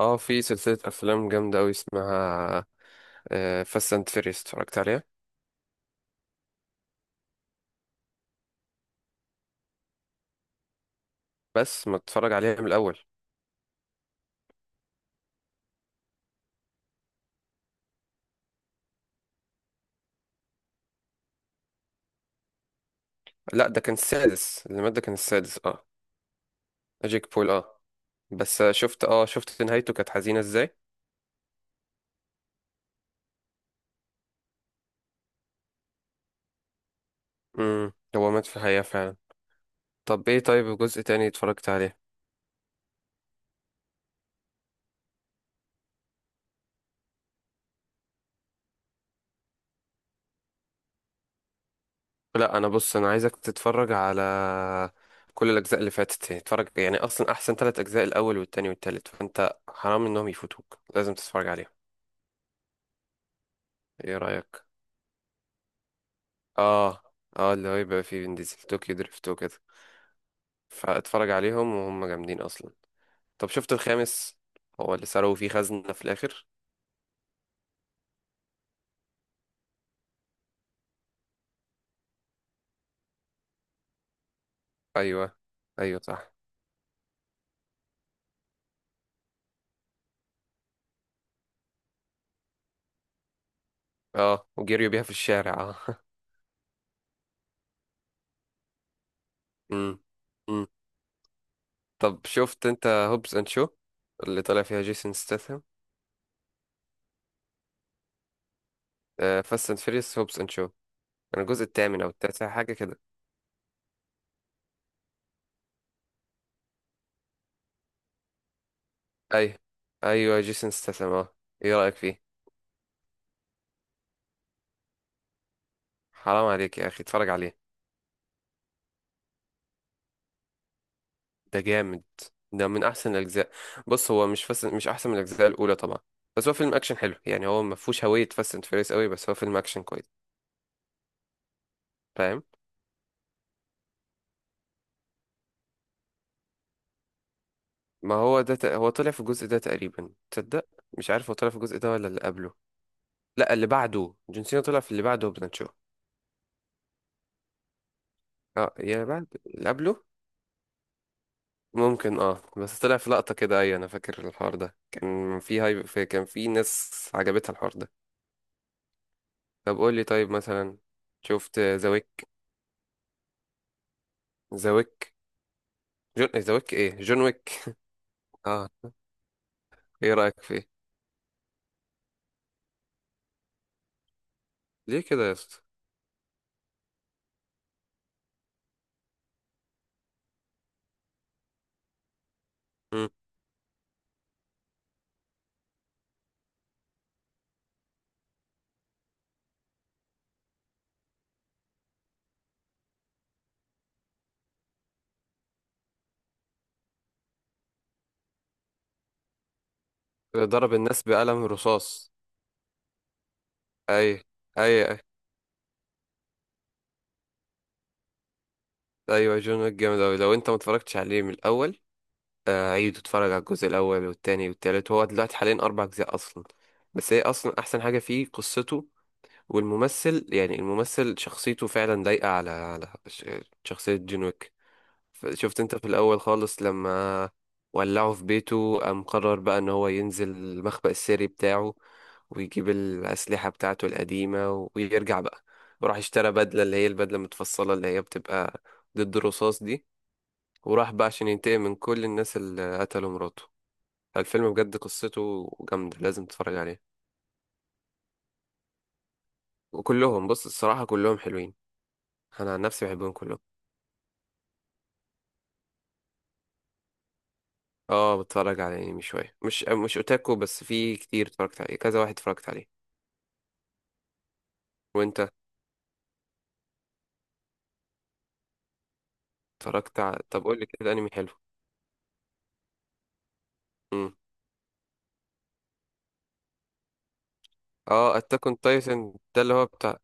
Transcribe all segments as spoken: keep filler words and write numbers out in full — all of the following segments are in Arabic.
اه في سلسلة أفلام جامدة أوي اسمها فاست أند فيريوس، اتفرجت عليها. بس ما اتفرج عليها من الأول. لا، ده كان السادس، العماد ده كان السادس، اه. جيك بول، اه. بس آه، شفت اه شفت نهايته كانت حزينة ازاي. امم هو مات في الحقيقة فعلا. طب ايه، طيب جزء تاني اتفرجت عليه؟ لا، انا بص، انا عايزك تتفرج على كل الأجزاء اللي فاتت، اتفرج يعني، أصلا أحسن تلات أجزاء الأول والتاني والتالت، فأنت حرام إنهم يفوتوك، لازم تتفرج عليهم. ايه رأيك؟ اه. اه اللي هو يبقى فيه فين ديزل طوكيو دريفت وكده. فاتفرج عليهم، وهم جامدين اصلا. طب شفت الخامس، هو اللي سرقوا فيه خزنة في الاخر؟ ايوه، ايوه صح. اه وجريوا بيها في الشارع، اه امم. امم. طب شفت انت هوبس اند شو، اللي طالع فيها جيسون ستاثام؟ آه فاست اند فيريوس هوبس اند شو، كان الجزء الثامن او التاسع حاجه كده. ايوه، ايوه جيسون ستاثام، اه. ايه رايك فيه؟ حرام عليك يا اخي، اتفرج عليه. ده جامد، ده من احسن الاجزاء. بص، هو مش فاست، مش احسن من الاجزاء الاولى طبعا، بس هو فيلم اكشن حلو يعني، هو ما فيهوش هويه فاست اند فيريس قوي، بس هو فيلم اكشن كويس. فاهم. ما هو ده ت... هو طلع في الجزء ده تقريبا تصدق. مش عارف هو طلع في الجزء ده ولا اللي قبله. لا، اللي بعده، جون سينا طلع في اللي بعده وبناتشو. اه، يا بعد اللي قبله. ممكن، اه، بس طلع في لقطه كده. ايوه، انا فاكر الحوار ده كان في هاي... في... كان في ناس عجبتها الحوار ده. طب قول لي، طيب مثلا، شفت ذا ويك؟ ذا ويك، جون ذا ويك ايه جون ويك، اه. ايه رأيك فيه؟ ليه كده يا اسطى؟ مم. ضرب الناس بقلم رصاص. اي، اي، اي. ايوه، جون ويك جامد اوي. لو انت ما اتفرجتش عليه من الاول، آه، عيد، اتفرج على الجزء الاول والتاني والتالت، هو دلوقتي حاليا اربع اجزاء اصلا. بس هي اصلا احسن حاجه فيه قصته. والممثل يعني الممثل شخصيته فعلا لايقه على على ش- شخصيه جون ويك. ف- شفت انت في الاول خالص لما ولعه في بيته، قام قرر بقى ان هو ينزل المخبأ السري بتاعه، ويجيب الأسلحة بتاعته القديمة، و- ويرجع بقى، وراح اشترى بدلة، اللي هي البدلة المتفصلة اللي هي بتبقى ضد الرصاص دي، وراح بقى عشان ينتقم من كل الناس اللي قتلوا مراته. الفيلم بجد قصته جامدة، لازم تتفرج عليه. وكلهم، بص الصراحة، كلهم حلوين، انا عن نفسي بحبهم كلهم. اه، بتفرج على انمي شوية، مش مش اوتاكو، بس في كتير اتفرجت عليه، كذا واحد اتفرجت عليه. وانت؟ اتفرجت ع... طب قول لي كده انمي حلو. امم اه، اتاك اون تايتن ده اللي هو بتاع.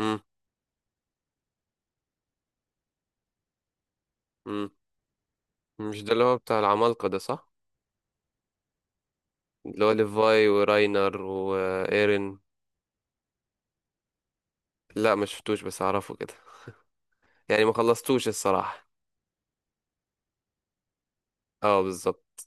امم. امم. مش ده اللي هو بتاع العمالقة ده، صح؟ اللي هو ليفاي وراينر وايرين. لا، ما شفتوش بس اعرفه كده، يعني ما خلصتوش الصراحة. اه، بالظبط.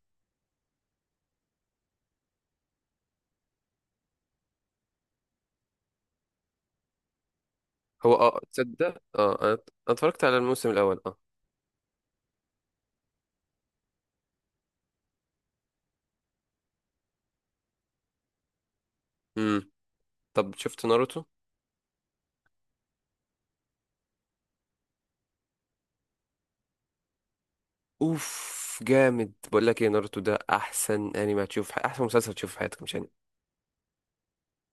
هو، اه تصدق، اه انا أنا اتفرجت على الموسم الاول، اه. امم. طب شفت ناروتو؟ اوف. جامد. بقول لك ايه، ناروتو ده احسن انمي هتشوف، احسن مسلسل تشوفه في حياتك، مش انمي،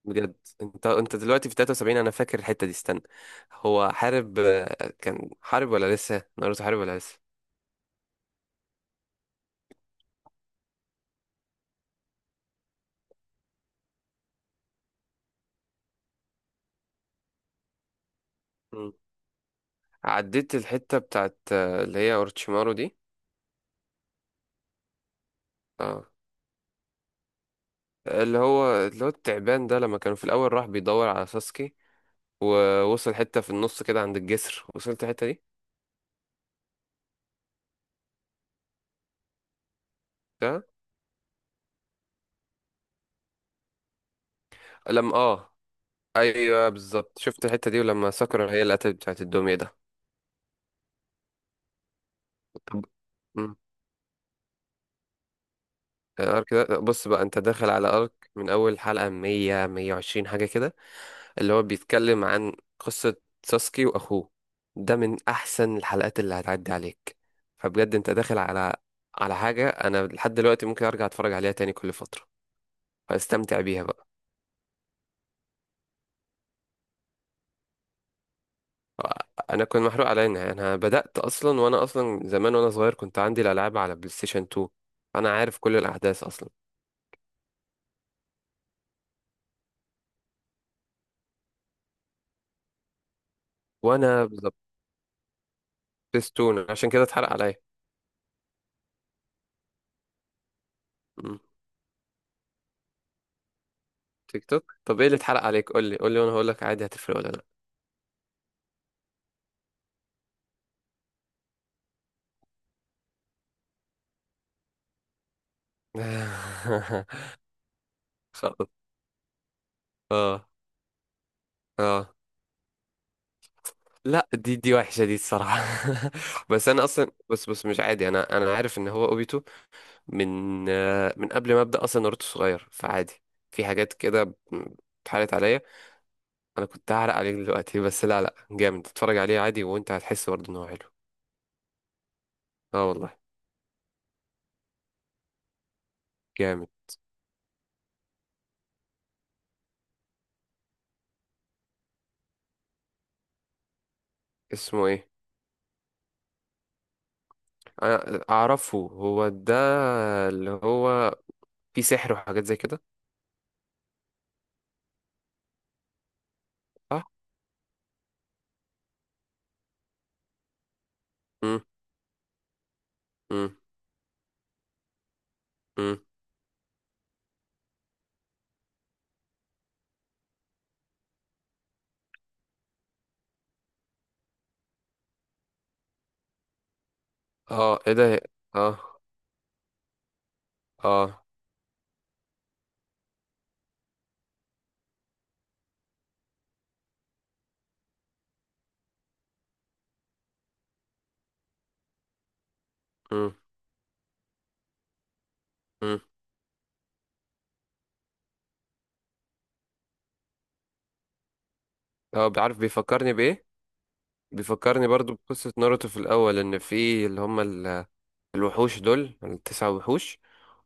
بجد. انت انت دلوقتي في تلاتة وسبعين، انا فاكر الحتة دي، استنى. هو حارب آه، كان حارب، ولا لسه ناروتو حارب ولا لسه؟ مم. عديت الحتة بتاعت آه، اللي هي اورتشيمارو دي. اه. اللي هو اللي هو التعبان ده، لما كانوا في الاول راح بيدور على ساسكي، ووصل حتة في النص كده عند الجسر، وصلت الحتة دي. ده لما اه ايوه بالظبط، شفت الحتة دي، ولما ساكورا هي اللي قتلت بتاعت الدمية ده. طب. امم. الارك ده بص بقى، انت داخل على ارك من اول حلقة مية، مية وعشرين حاجة كده، اللي هو بيتكلم عن قصة ساسكي وأخوه، ده من أحسن الحلقات اللي هتعدي عليك، فبجد أنت داخل على على حاجة أنا لحد دلوقتي ممكن أرجع أتفرج عليها تاني كل فترة، فاستمتع بيها بقى. أنا كنت محروق على إنها، أنا بدأت أصلا، وأنا أصلا زمان وأنا صغير كنت عندي الألعاب على بلاي ستيشن اتنين، أنا عارف كل الأحداث أصلا. وأنا بالظبط، بستون عشان كده اتحرق عليا. مم. تيك توك، طب إيه اللي اتحرق عليك؟ قول لي، قول لي وأنا هقول لك، عادي هتفرق ولا؟ لأ. خلاص. اه اه لا، دي دي وحشة دي الصراحة. بس انا اصلا، بس بس مش عادي، انا انا عارف ان هو اوبيتو من آه، من قبل ما ابدا اصلا ناروتو صغير، فعادي. في حاجات كده اتحرقت عليا. انا كنت هعرق عليك دلوقتي بس لا، لا جامد، اتفرج عليه عادي وانت هتحس برضه ان هو حلو. اه والله. جامد. اسمه ايه؟ انا اعرفه هو ده، اللي هو في سحر وحاجات زي كده، صح. امم. امم. امم. اه، ايه ده؟ اه. اه. امم. امم. اه، بعرف، بيفكرني بايه، بيفكرني برضو بقصة ناروتو في الأول، إن في اللي هم ال- الوحوش دول التسع وحوش،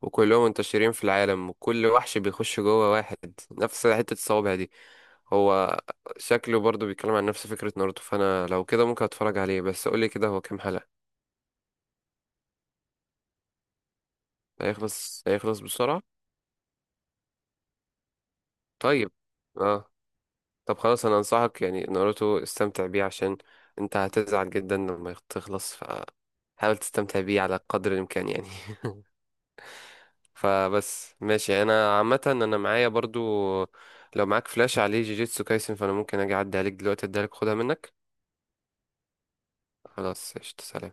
وكلهم منتشرين في العالم، وكل وحش بيخش جوه واحد، نفس حتة الصوابع دي. هو شكله برضو بيتكلم عن نفس فكرة ناروتو، فأنا لو كده ممكن أتفرج عليه، بس قولي كده هو كام حلقة؟ هيخلص هيخلص بسرعة. طيب. اه. طب خلاص أنا أنصحك يعني، ناروتو استمتع بيه عشان أنت هتزعل جدا لما تخلص، فحاول تستمتع بيه على قدر الإمكان يعني فبس، ماشي، انا عامه انا معايا برضو، لو معاك فلاش عليه جيجيتسو كايسن فانا ممكن اجي اعدي عليك دلوقتي، اديها لك، خدها منك. خلاص قشطة، سلام.